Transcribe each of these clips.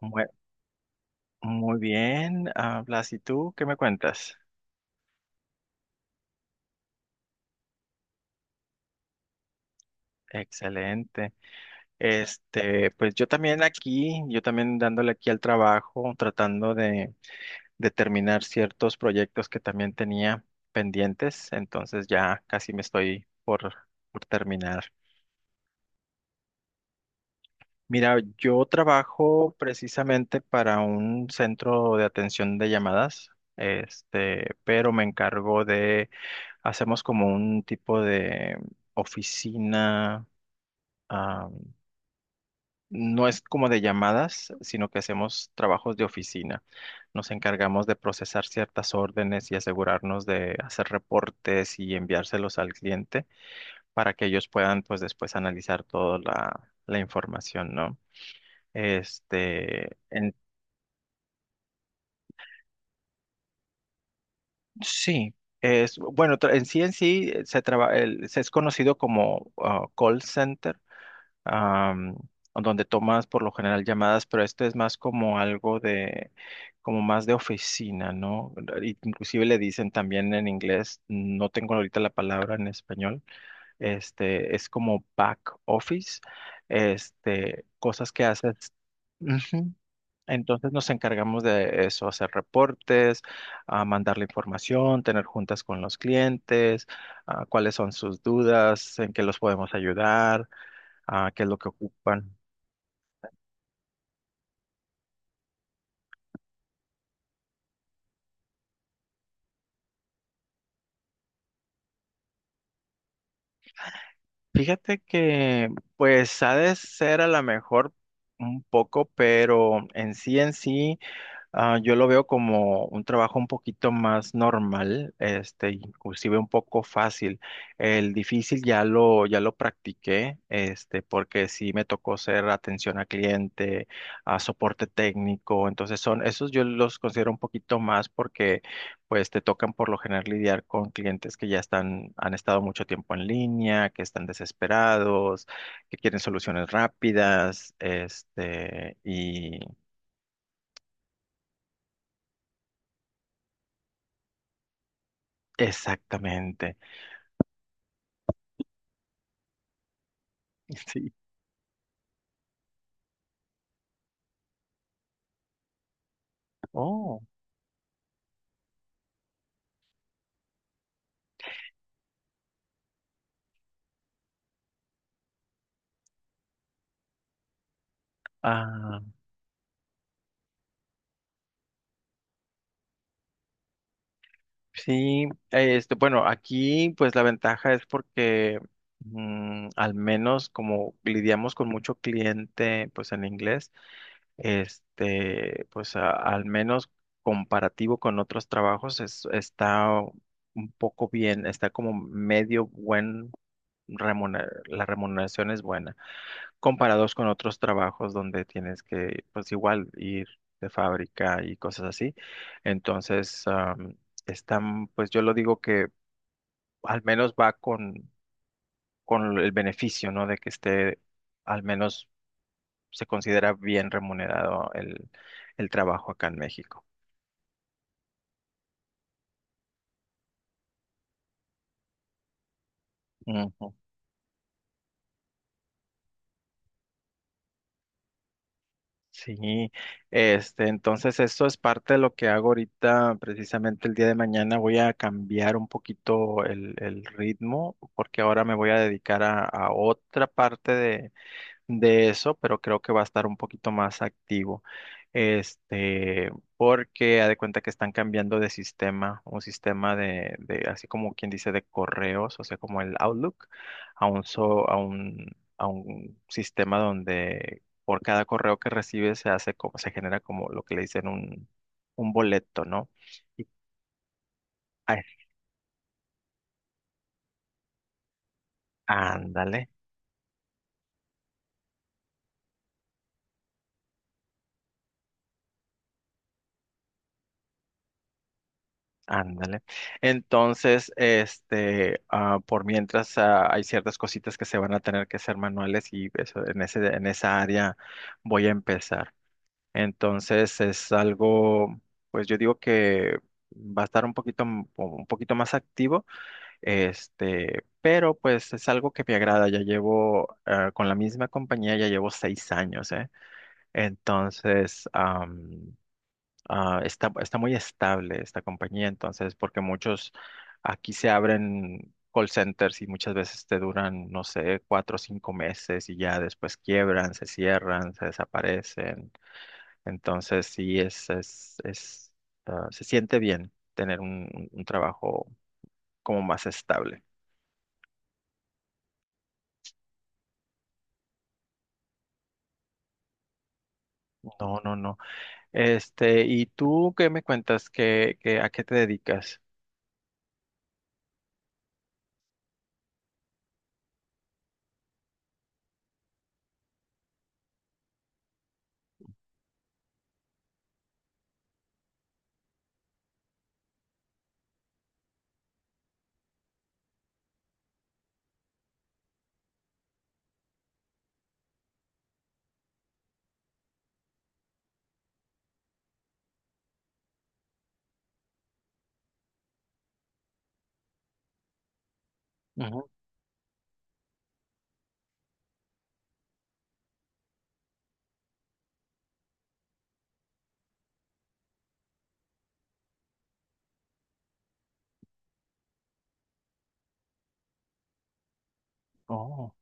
Muy, muy bien, Blas, ¿y tú qué me cuentas? Excelente. Este, pues yo también aquí, yo también dándole aquí al trabajo, tratando de terminar ciertos proyectos que también tenía pendientes, entonces ya casi me estoy por terminar. Mira, yo trabajo precisamente para un centro de atención de llamadas, este, pero me encargo de. Hacemos como un tipo de oficina, ah, no es como de llamadas, sino que hacemos trabajos de oficina. Nos encargamos de procesar ciertas órdenes y asegurarnos de hacer reportes y enviárselos al cliente para que ellos puedan, pues, después analizar toda la información, ¿no? Este, sí. Es, bueno, en sí en sí, se es conocido como call center, am, donde tomas por lo general llamadas, pero esto es más como algo de, como más de oficina, ¿no? Inclusive le dicen también en inglés, no tengo ahorita la palabra en español, este, es como back office, este, cosas que haces. Ujú. Entonces nos encargamos de eso, hacer reportes, a mandar la información, tener juntas con los clientes, cuáles son sus dudas, en qué los podemos ayudar, qué es lo que ocupan. Fíjate que pues ha de ser a lo mejor un poco, pero en sí en sí. Ah, yo lo veo como un trabajo un poquito más normal, este, inclusive un poco fácil. El difícil ya lo practiqué, este, porque sí me tocó ser atención a cliente, a soporte técnico. Entonces son, esos yo los considero un poquito más porque pues te tocan por lo general lidiar con clientes que ya están, han estado mucho tiempo en línea, que están desesperados, que quieren soluciones rápidas, este, y. Exactamente. Sí. Oh. Ah, sí. Este, bueno, aquí pues la ventaja es porque al menos como lidiamos con mucho cliente pues en inglés, este, pues al menos comparativo con otros trabajos es, está un poco bien, está como medio buen la remuneración es buena. Comparados con otros trabajos donde tienes que, pues igual, ir de fábrica y cosas así. Entonces, están, pues yo lo digo que al menos va con el beneficio, ¿no? De que esté, al menos se considera bien remunerado el trabajo acá en México. Sí, este, entonces eso es parte de lo que hago ahorita, precisamente el día de mañana voy a cambiar un poquito el ritmo porque ahora me voy a dedicar a otra parte de eso, pero creo que va a estar un poquito más activo. Este, porque ha de cuenta que están cambiando de sistema, un sistema de, así como quien dice, de correos, o sea, como el Outlook, a un, so- a un sistema donde por cada correo que recibes se hace como, se genera como lo que le dicen un boleto, ¿no? Y, ay, ándale. Ándale. Entonces, este, por mientras, hay ciertas cositas que se van a tener que hacer manuales y eso, en ese, en esa área voy a empezar. Entonces, es algo, pues yo digo que va a estar un poquito, un poquito más activo, este, pero pues es algo que me agrada. Ya llevo, con la misma compañía, ya llevo 6 años, ¿eh? Entonces, está muy estable esta compañía, entonces, porque muchos aquí se abren call centers y muchas veces te duran, no sé, 4 o 5 meses y ya después quiebran, se cierran, se desaparecen. Entonces, sí, es, se siente bien tener un trabajo como más estable. No, no, no. Este, ¿y tú qué me cuentas? ¿A qué te dedicas? Ujú. Oh.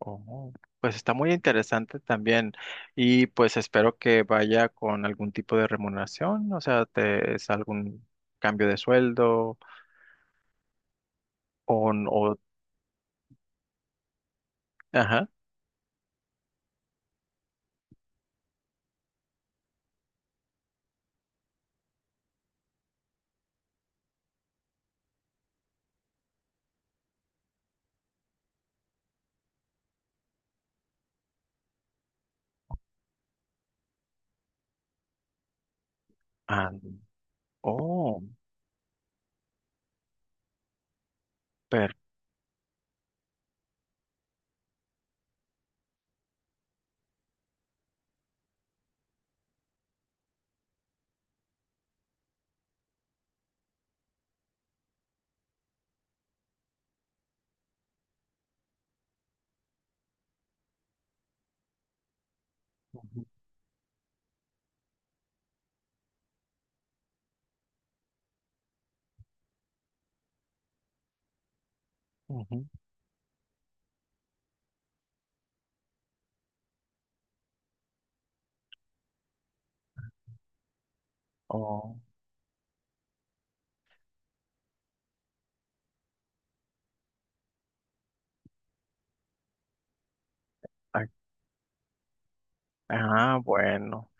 Oh, pues está muy interesante también y pues espero que vaya con algún tipo de remuneración, o sea, es algún cambio de sueldo o. Ajá, ah, oh, per, ujú, ujú, oh. Ah, bueno.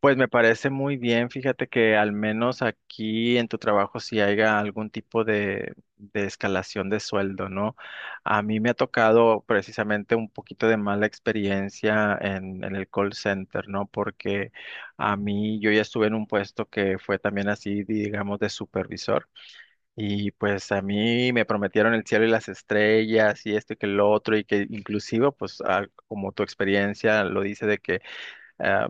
Pues me parece muy bien. Fíjate que al menos aquí en tu trabajo si haya algún tipo de escalación de sueldo, ¿no? A mí me ha tocado precisamente un poquito de mala experiencia en el call center, ¿no? Porque a mí yo ya estuve en un puesto que fue también así, digamos, de supervisor. Y pues a mí me prometieron el cielo y las estrellas y esto y que lo otro y que inclusive, pues como tu experiencia lo dice de que. ah,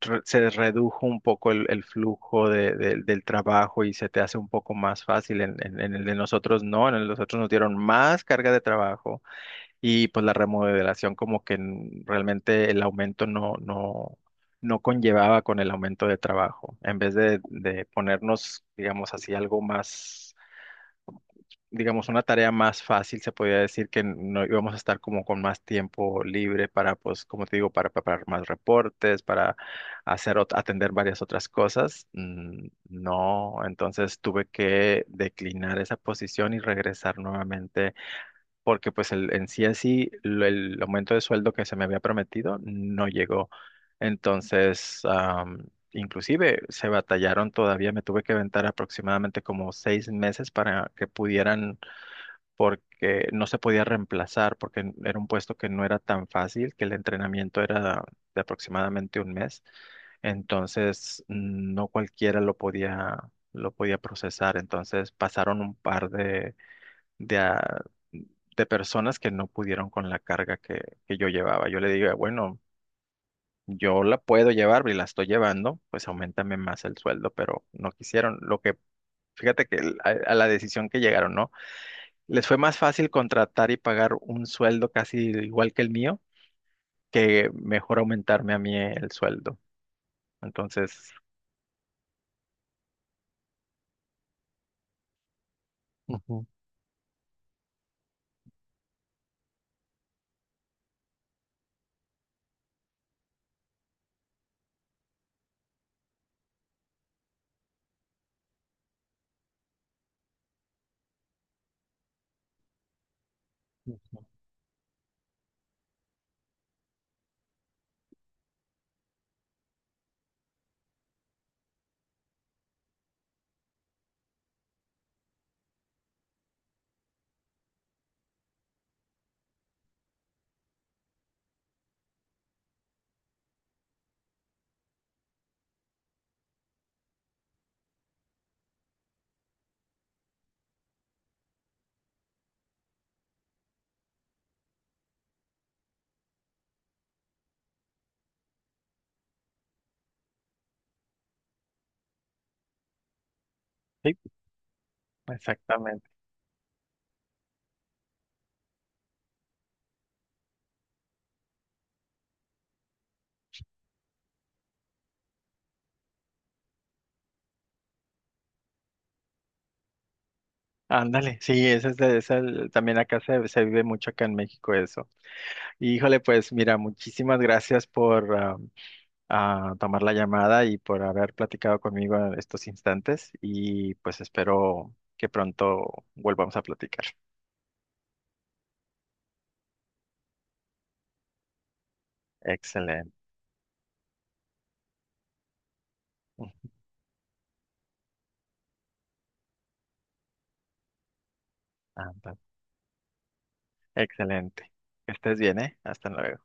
re- se redujo un poco el flujo del trabajo y se te hace un poco más fácil. En el de nosotros no, en el de nosotros nos dieron más carga de trabajo y pues la remodelación como que realmente el aumento no, no, no conllevaba con el aumento de trabajo. En vez de ponernos, digamos así, algo más digamos, una tarea más fácil, se podría decir que no íbamos a estar como con más tiempo libre para, pues, como te digo, para preparar más reportes, para hacer, atender varias otras cosas. Mm, no, entonces tuve que declinar esa posición y regresar nuevamente, porque pues en sí así el aumento de sueldo que se me había prometido no llegó. Entonces, inclusive se batallaron todavía, me tuve que aventar aproximadamente como 6 meses para que pudieran porque no se podía reemplazar, porque era un puesto que no era tan fácil, que el entrenamiento era de aproximadamente 1 mes, entonces no cualquiera lo podía, procesar, entonces pasaron un par de, ah, de personas que no pudieron con la carga que yo llevaba. Yo le digo, bueno, yo la puedo llevar y la estoy llevando, pues aumentame más el sueldo, pero no quisieron, fíjate que a la decisión que llegaron, ¿no? Les fue más fácil contratar y pagar un sueldo casi igual que el mío que mejor aumentarme a mí el sueldo. Entonces. Ujú. Sí, exactamente. Ándale, sí, ese es, es también acá se vive mucho acá en México eso. Y, híjole, pues mira, muchísimas gracias por tomar la llamada y por haber platicado conmigo en estos instantes y pues espero que pronto volvamos a platicar. Excelente. Ándale. Excelente. Que estés bien, ¿eh? Hasta luego.